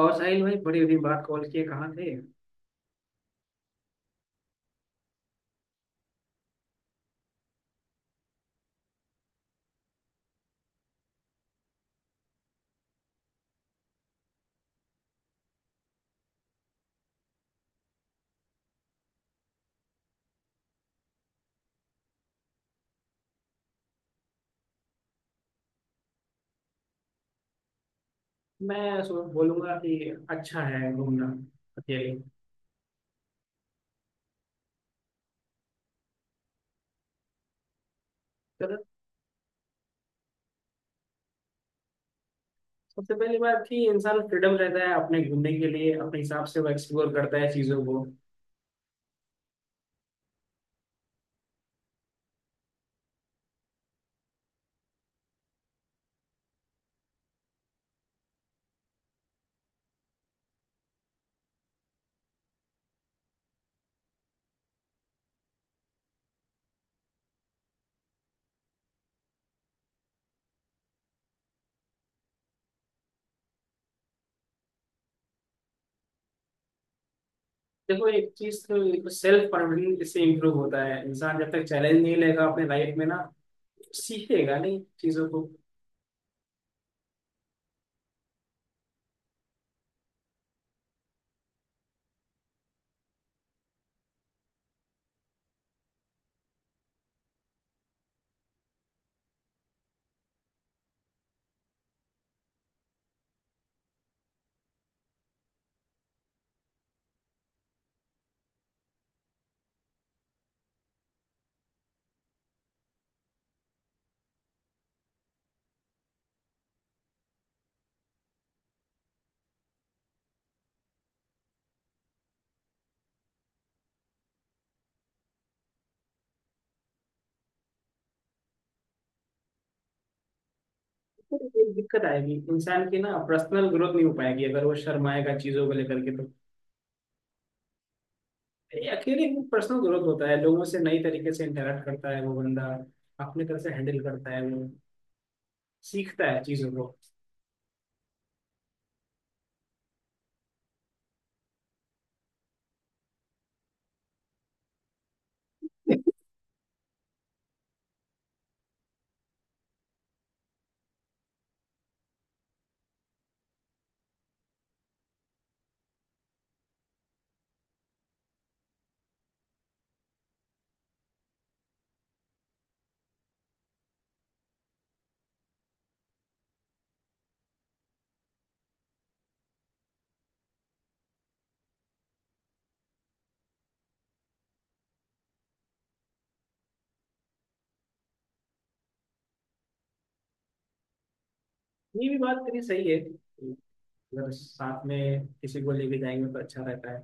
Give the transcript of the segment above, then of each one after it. और साहिल भाई बड़ी दिन बाद कॉल किए कहाँ थे? मैं सो बोलूंगा कि अच्छा है घूमना अकेले। चलो। सबसे पहली बात कि इंसान फ्रीडम रहता है अपने घूमने के लिए अपने हिसाब से वो एक्सप्लोर करता है चीज़ों को। देखो एक चीज तो सेल्फ कॉन्फिडेंस इससे इम्प्रूव होता है। इंसान जब तक चैलेंज नहीं लेगा अपने लाइफ में ना सीखेगा नहीं चीज़ों को। तो एक दिक्कत आएगी इंसान की ना पर्सनल ग्रोथ नहीं हो पाएगी अगर वो शर्माएगा चीज़ों को लेकर के तो। ये अकेले में पर्सनल ग्रोथ होता है। लोगों से नई तरीके से इंटरेक्ट करता है वो बंदा। अपने तरह से हैंडल करता है वो। सीखता है चीजों को। ये भी बात तेरी सही है अगर साथ में किसी को लेके जाएंगे तो अच्छा रहता है।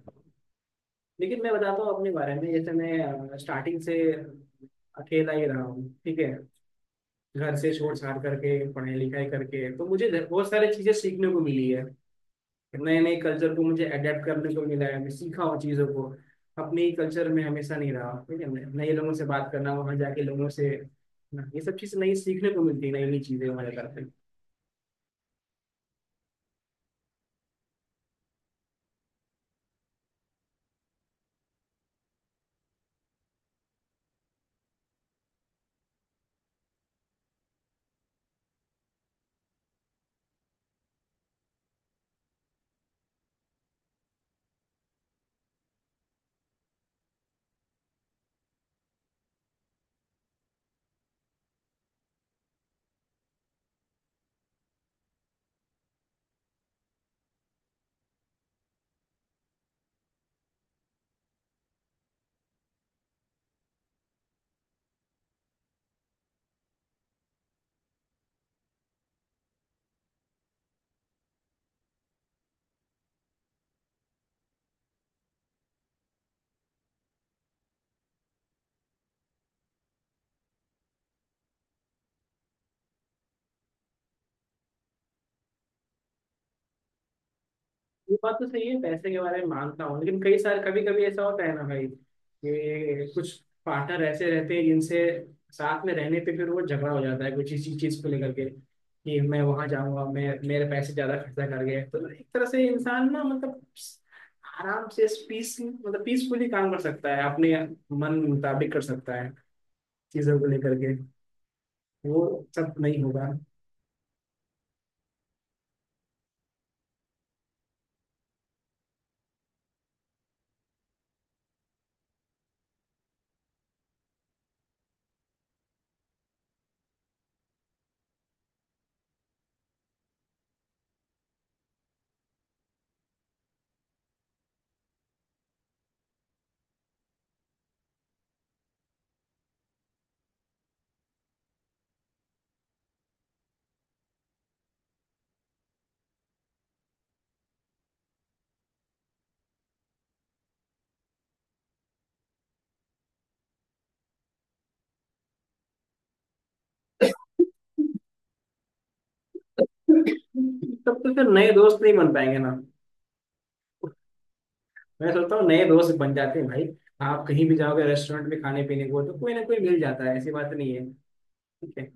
लेकिन मैं बताता हूँ अपने बारे में जैसे मैं स्टार्टिंग से अकेला ही रहा हूँ। ठीक है। घर से छोड़ छाड़ करके पढ़ाई लिखाई करके तो मुझे बहुत सारी चीजें सीखने को मिली है। नए नए कल्चर को मुझे अडेप्ट करने को मिला है। मैं सीखा हूँ चीज़ों को। अपने ही कल्चर में हमेशा नहीं रहा। ठीक है। नए लोगों से बात करना वहाँ जाके लोगों से ये सब चीज़ नई सीखने को मिलती है। नई नई चीज़ें हमारे करते। ये बात तो सही है पैसे के बारे में मानता हूँ। लेकिन कई सारे कभी कभी ऐसा होता है ना भाई कि कुछ पार्टनर ऐसे रहते हैं जिनसे साथ में रहने पे फिर वो झगड़ा हो जाता है कुछ इसी चीज को लेकर के कि मैं वहां जाऊंगा मैं मेरे पैसे ज्यादा खर्चा कर गए। तो एक तरह से इंसान ना मतलब आराम से पीस मतलब पीसफुली काम कर सकता है अपने मन मुताबिक कर सकता है चीजों को लेकर के। वो सब नहीं होगा। तब तो फिर नए दोस्त नहीं बन पाएंगे ना? मैं सोचता हूँ नए दोस्त बन जाते हैं भाई। आप कहीं भी जाओगे रेस्टोरेंट में खाने पीने को तो कोई ना कोई मिल जाता है। ऐसी बात नहीं है। ठीक है।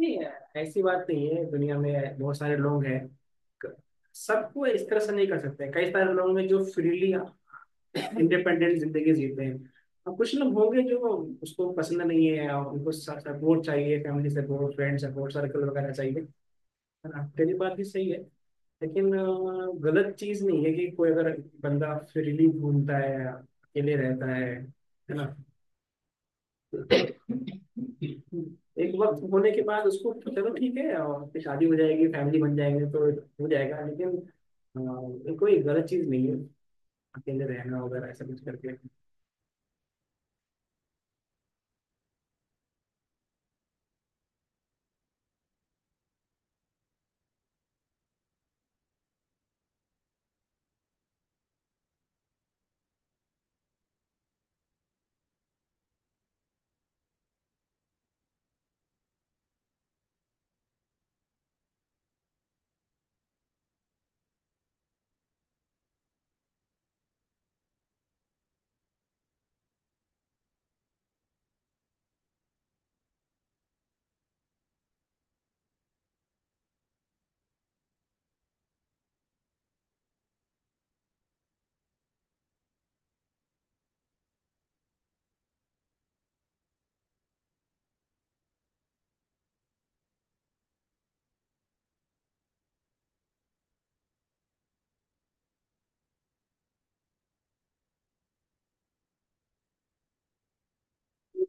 नहीं। ऐसी बात नहीं है। दुनिया में बहुत सारे लोग हैं। क- सबको इस तरह से नहीं कर सकते। कई सारे लोग हैं जो फ्रीली इंडिपेंडेंट जिंदगी जीते हैं। और कुछ लोग होंगे जो उसको पसंद नहीं है और उनको सपोर्ट चाहिए। Family support friend support circle वगैरह चाहिए। ना तेरी बात भी सही है। लेकिन गलत चीज नहीं है कि कोई अगर बंदा फ्रीली घूमता है अकेले रहता है। है ना? एक वक्त होने के बाद उसको तो चलो ठीक है। और फिर शादी हो जाएगी फैमिली बन जाएंगे तो हो जाएगा। लेकिन ये कोई गलत चीज नहीं है अकेले रहना वगैरह ऐसा कुछ करके ये।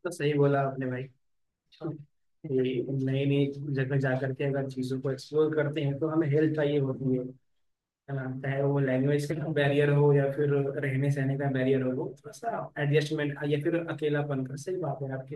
तो सही बोला आपने भाई। ये नई नई जगह जा करके अगर चीजों को एक्सप्लोर करते हैं तो हमें हेल्प चाहिए होती है। हाँ, चाहे वो लैंग्वेज का बैरियर हो या फिर रहने सहने का बैरियर हो वो थोड़ा सा एडजस्टमेंट या फिर अकेलापन का सही बात है आपकी।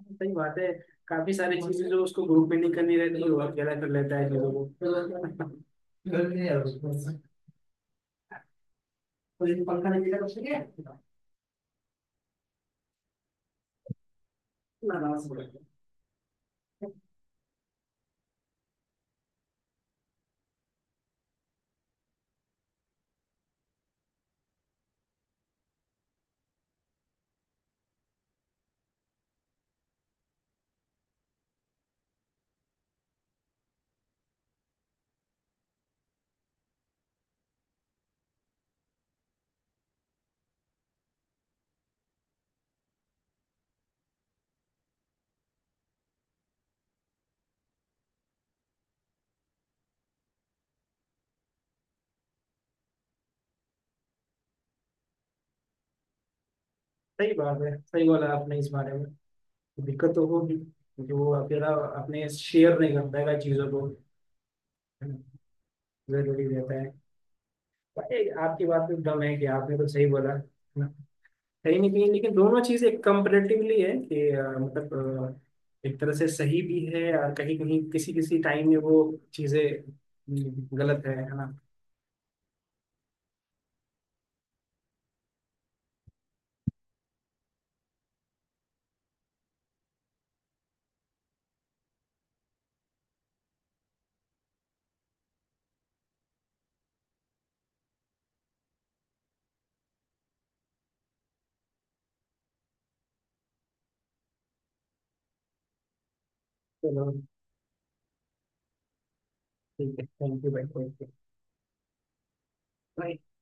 सही बात है। काफी सारी चीजें जो उसको ग्रुप में नहीं करनी रहती वो अकेला कर लेता है लोगों को। सही बात है। सही बोला आपने इस बारे में। दिक्कत तो होगी क्योंकि वो अकेला अपने शेयर नहीं कर पाएगा चीजों को। जरूरी रहता है। भाई आपकी बात में दम है कि आपने तो सही बोला। कहीं ना कहीं लेकिन दोनों चीजें कंपेरेटिवली है कि मतलब। एक तरह से सही भी है और कहीं कहीं किसी किसी टाइम में वो चीजें गलत है ना? चलो ठीक है। थैंक यू भाई। Thank you.